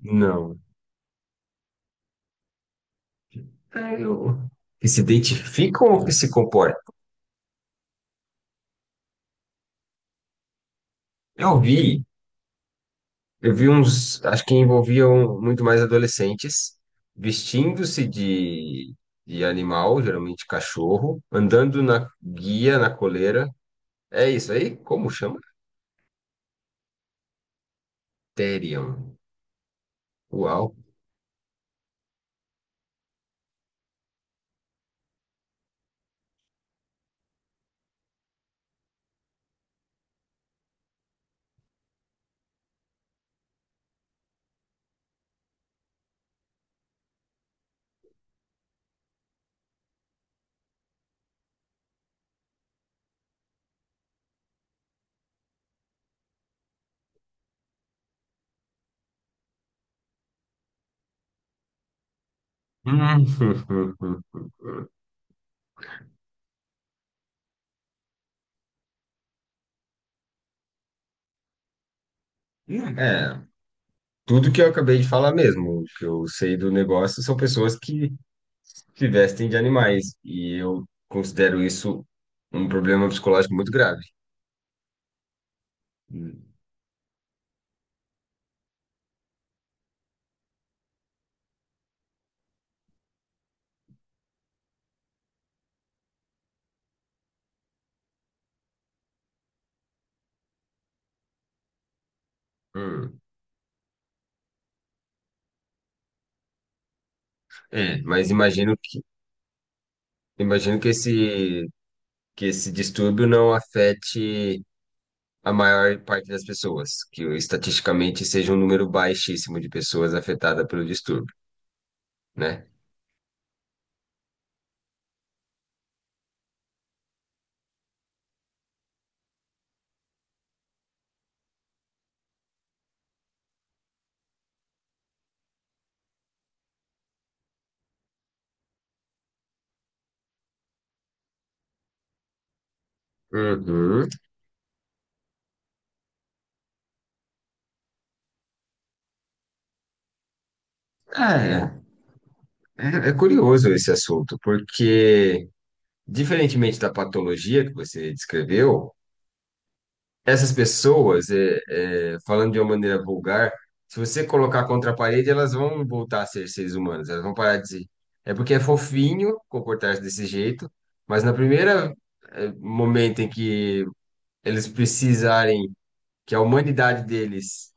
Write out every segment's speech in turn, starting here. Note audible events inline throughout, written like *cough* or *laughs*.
Não. É, eu- Que se identificam ou que se comportam? Eu vi, eu vi uns, acho que envolviam muito mais adolescentes, vestindo-se de animal, geralmente cachorro, andando na guia, na coleira. É isso aí? Como chama? Terion. Uau. Hum. *laughs* É, tudo que eu acabei de falar mesmo, o que eu sei do negócio são pessoas que se vestem de animais. E eu considero isso um problema psicológico muito grave. Hum. Hum. É, mas imagino que, imagino que que esse distúrbio não afete a maior parte das pessoas, que estatisticamente seja um número baixíssimo de pessoas afetadas pelo distúrbio, né? Uhum. É, é curioso esse assunto, porque, diferentemente da patologia que você descreveu, essas pessoas, falando de uma maneira vulgar, se você colocar contra a parede, elas vão voltar a ser seres humanos, elas vão parar de ser. É porque é fofinho comportar-se desse jeito, mas na momento em que eles precisarem que a humanidade deles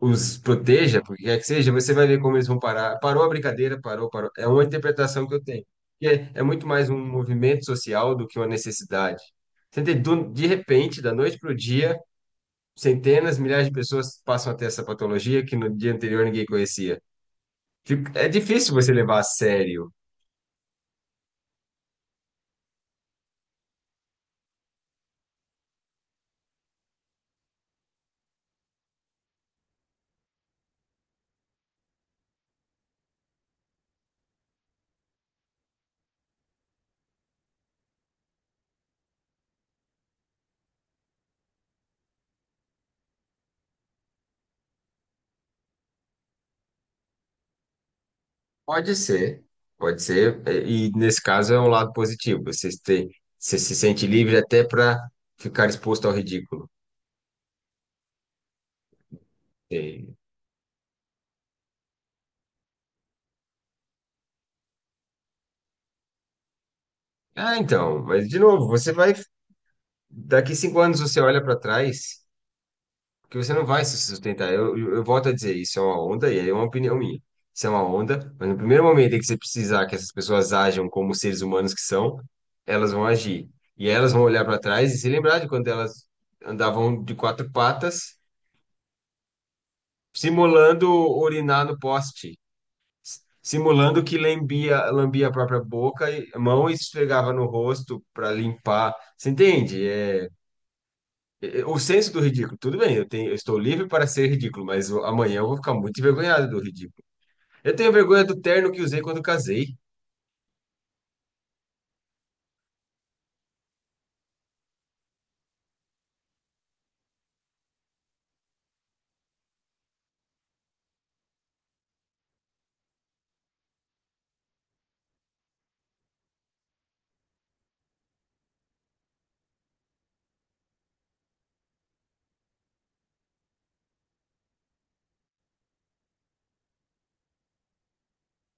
os proteja, porque quer que seja, você vai ver como eles vão parar. Parou a brincadeira, parou, parou. É uma interpretação que eu tenho. É muito mais um movimento social do que uma necessidade. Você entende? De repente, da noite para o dia, centenas, milhares de pessoas passam a ter essa patologia que no dia anterior ninguém conhecia. É difícil você levar a sério. Pode ser, pode ser. E nesse caso é um lado positivo. Você se sente livre até para ficar exposto ao ridículo. E- Ah, então, mas de novo, você vai. Daqui 5 anos você olha para trás, porque você não vai se sustentar. Eu volto a dizer, isso é uma onda, e aí é uma opinião minha. Isso é uma onda, mas no primeiro momento em que você precisar que essas pessoas ajam como seres humanos que são, elas vão agir. E elas vão olhar para trás e se lembrar de quando elas andavam de quatro patas, simulando urinar no poste, simulando que lambia a própria boca e mão e esfregava no rosto para limpar. Você entende? O senso do ridículo, tudo bem, eu tenho, eu estou livre para ser ridículo, mas amanhã eu vou ficar muito envergonhado do ridículo. Eu tenho vergonha do terno que usei quando casei.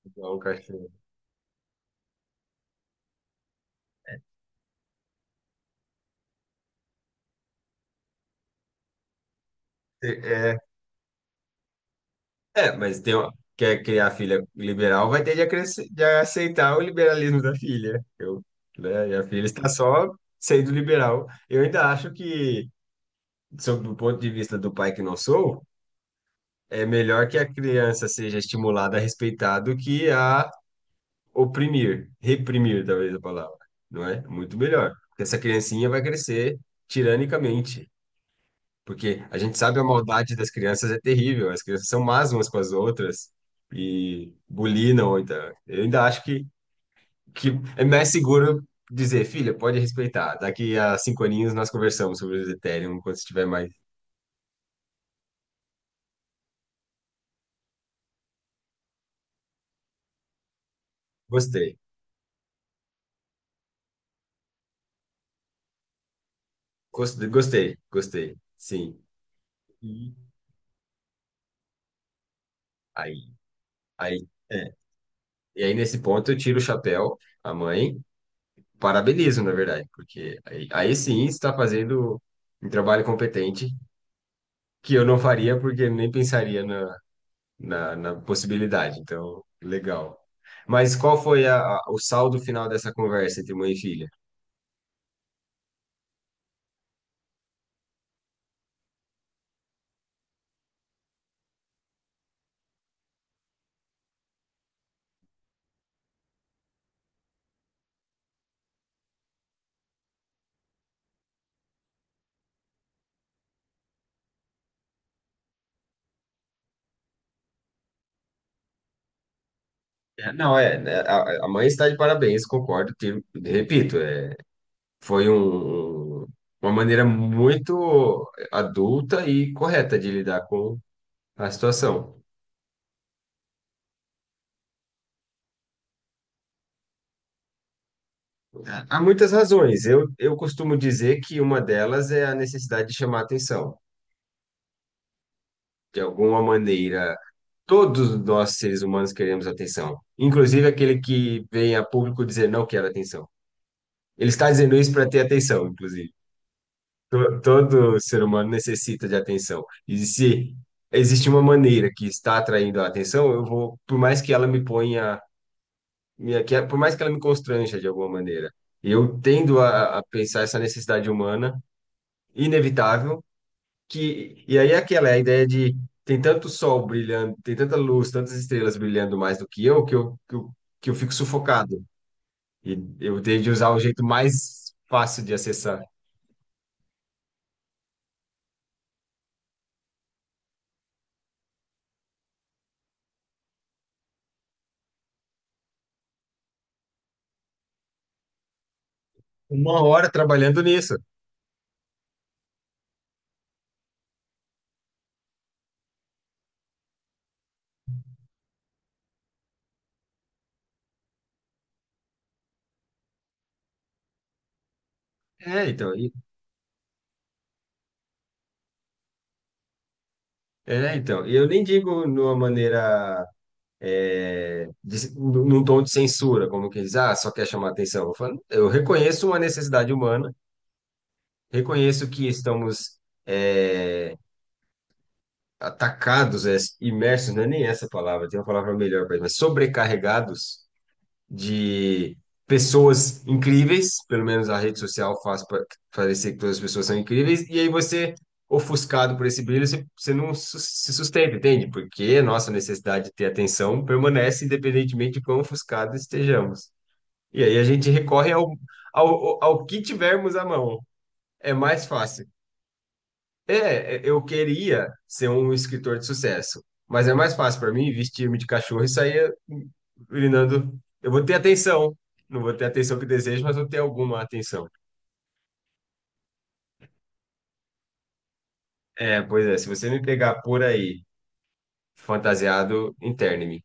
Igual o cachorro. É, é, mas quer criar filha liberal, vai ter de aceitar o liberalismo da filha. Né, minha filha está só sendo liberal. Eu ainda acho que, sob o ponto de vista do pai que não sou, é melhor que a criança seja estimulada a respeitar do que a oprimir, reprimir, talvez a palavra, não é? Muito melhor. Porque essa criancinha vai crescer tiranicamente. Porque a gente sabe a maldade das crianças é terrível, as crianças são más umas com as outras e bulinam. Então, eu ainda acho que é mais seguro dizer, filha, pode respeitar. Daqui a 5 aninhos nós conversamos sobre o Ethereum quando estiver mais. Gostei, gostei, gostei, gostei, sim. E aí, aí, é. E aí, nesse ponto, eu tiro o chapéu à mãe. Parabenizo, na verdade, porque aí sim está fazendo um trabalho competente que eu não faria porque nem pensaria na possibilidade. Então, legal. Mas qual foi o saldo final dessa conversa entre mãe e filha? É, Não, é, né, a mãe está de parabéns, concordo, repito, foi uma maneira muito adulta e correta de lidar com a situação. Há muitas razões. Eu costumo dizer que uma delas é a necessidade de chamar atenção. De alguma maneira, todos nós, seres humanos, queremos atenção. Inclusive aquele que vem a público dizer não quero atenção. Ele está dizendo isso para ter atenção, inclusive. Todo ser humano necessita de atenção. E se existe uma maneira que está atraindo a atenção, eu vou, por mais que ela me ponha, por mais que ela me constranja de alguma maneira, eu tendo a pensar essa necessidade humana inevitável que e aí é aquela é a ideia de tem tanto sol brilhando, tem tanta luz, tantas estrelas brilhando mais do que eu, que eu fico sufocado. E eu tenho de usar o jeito mais fácil de acessar. Uma hora trabalhando nisso. É, então, e, é, então, eu nem digo numa maneira é, de, num num tom de censura, como quem diz, ah, só quer chamar atenção. Eu falo, eu reconheço uma necessidade humana, reconheço que estamos é, atacados, imersos, não é nem essa palavra, tem uma palavra melhor para isso, mas sobrecarregados de pessoas incríveis, pelo menos a rede social parecer que todas as pessoas são incríveis, e aí você, ofuscado por esse brilho, você se sustenta, entende? Porque a nossa necessidade de ter atenção permanece independentemente de quão ofuscados estejamos. E aí a gente recorre ao que tivermos à mão. É mais fácil. Eu queria ser um escritor de sucesso, mas é mais fácil para mim vestir-me de cachorro e sair urinando. Eu vou ter atenção, não vou ter a atenção que desejo, mas vou ter alguma atenção. É, pois é, se você me pegar por aí, fantasiado, interne-me.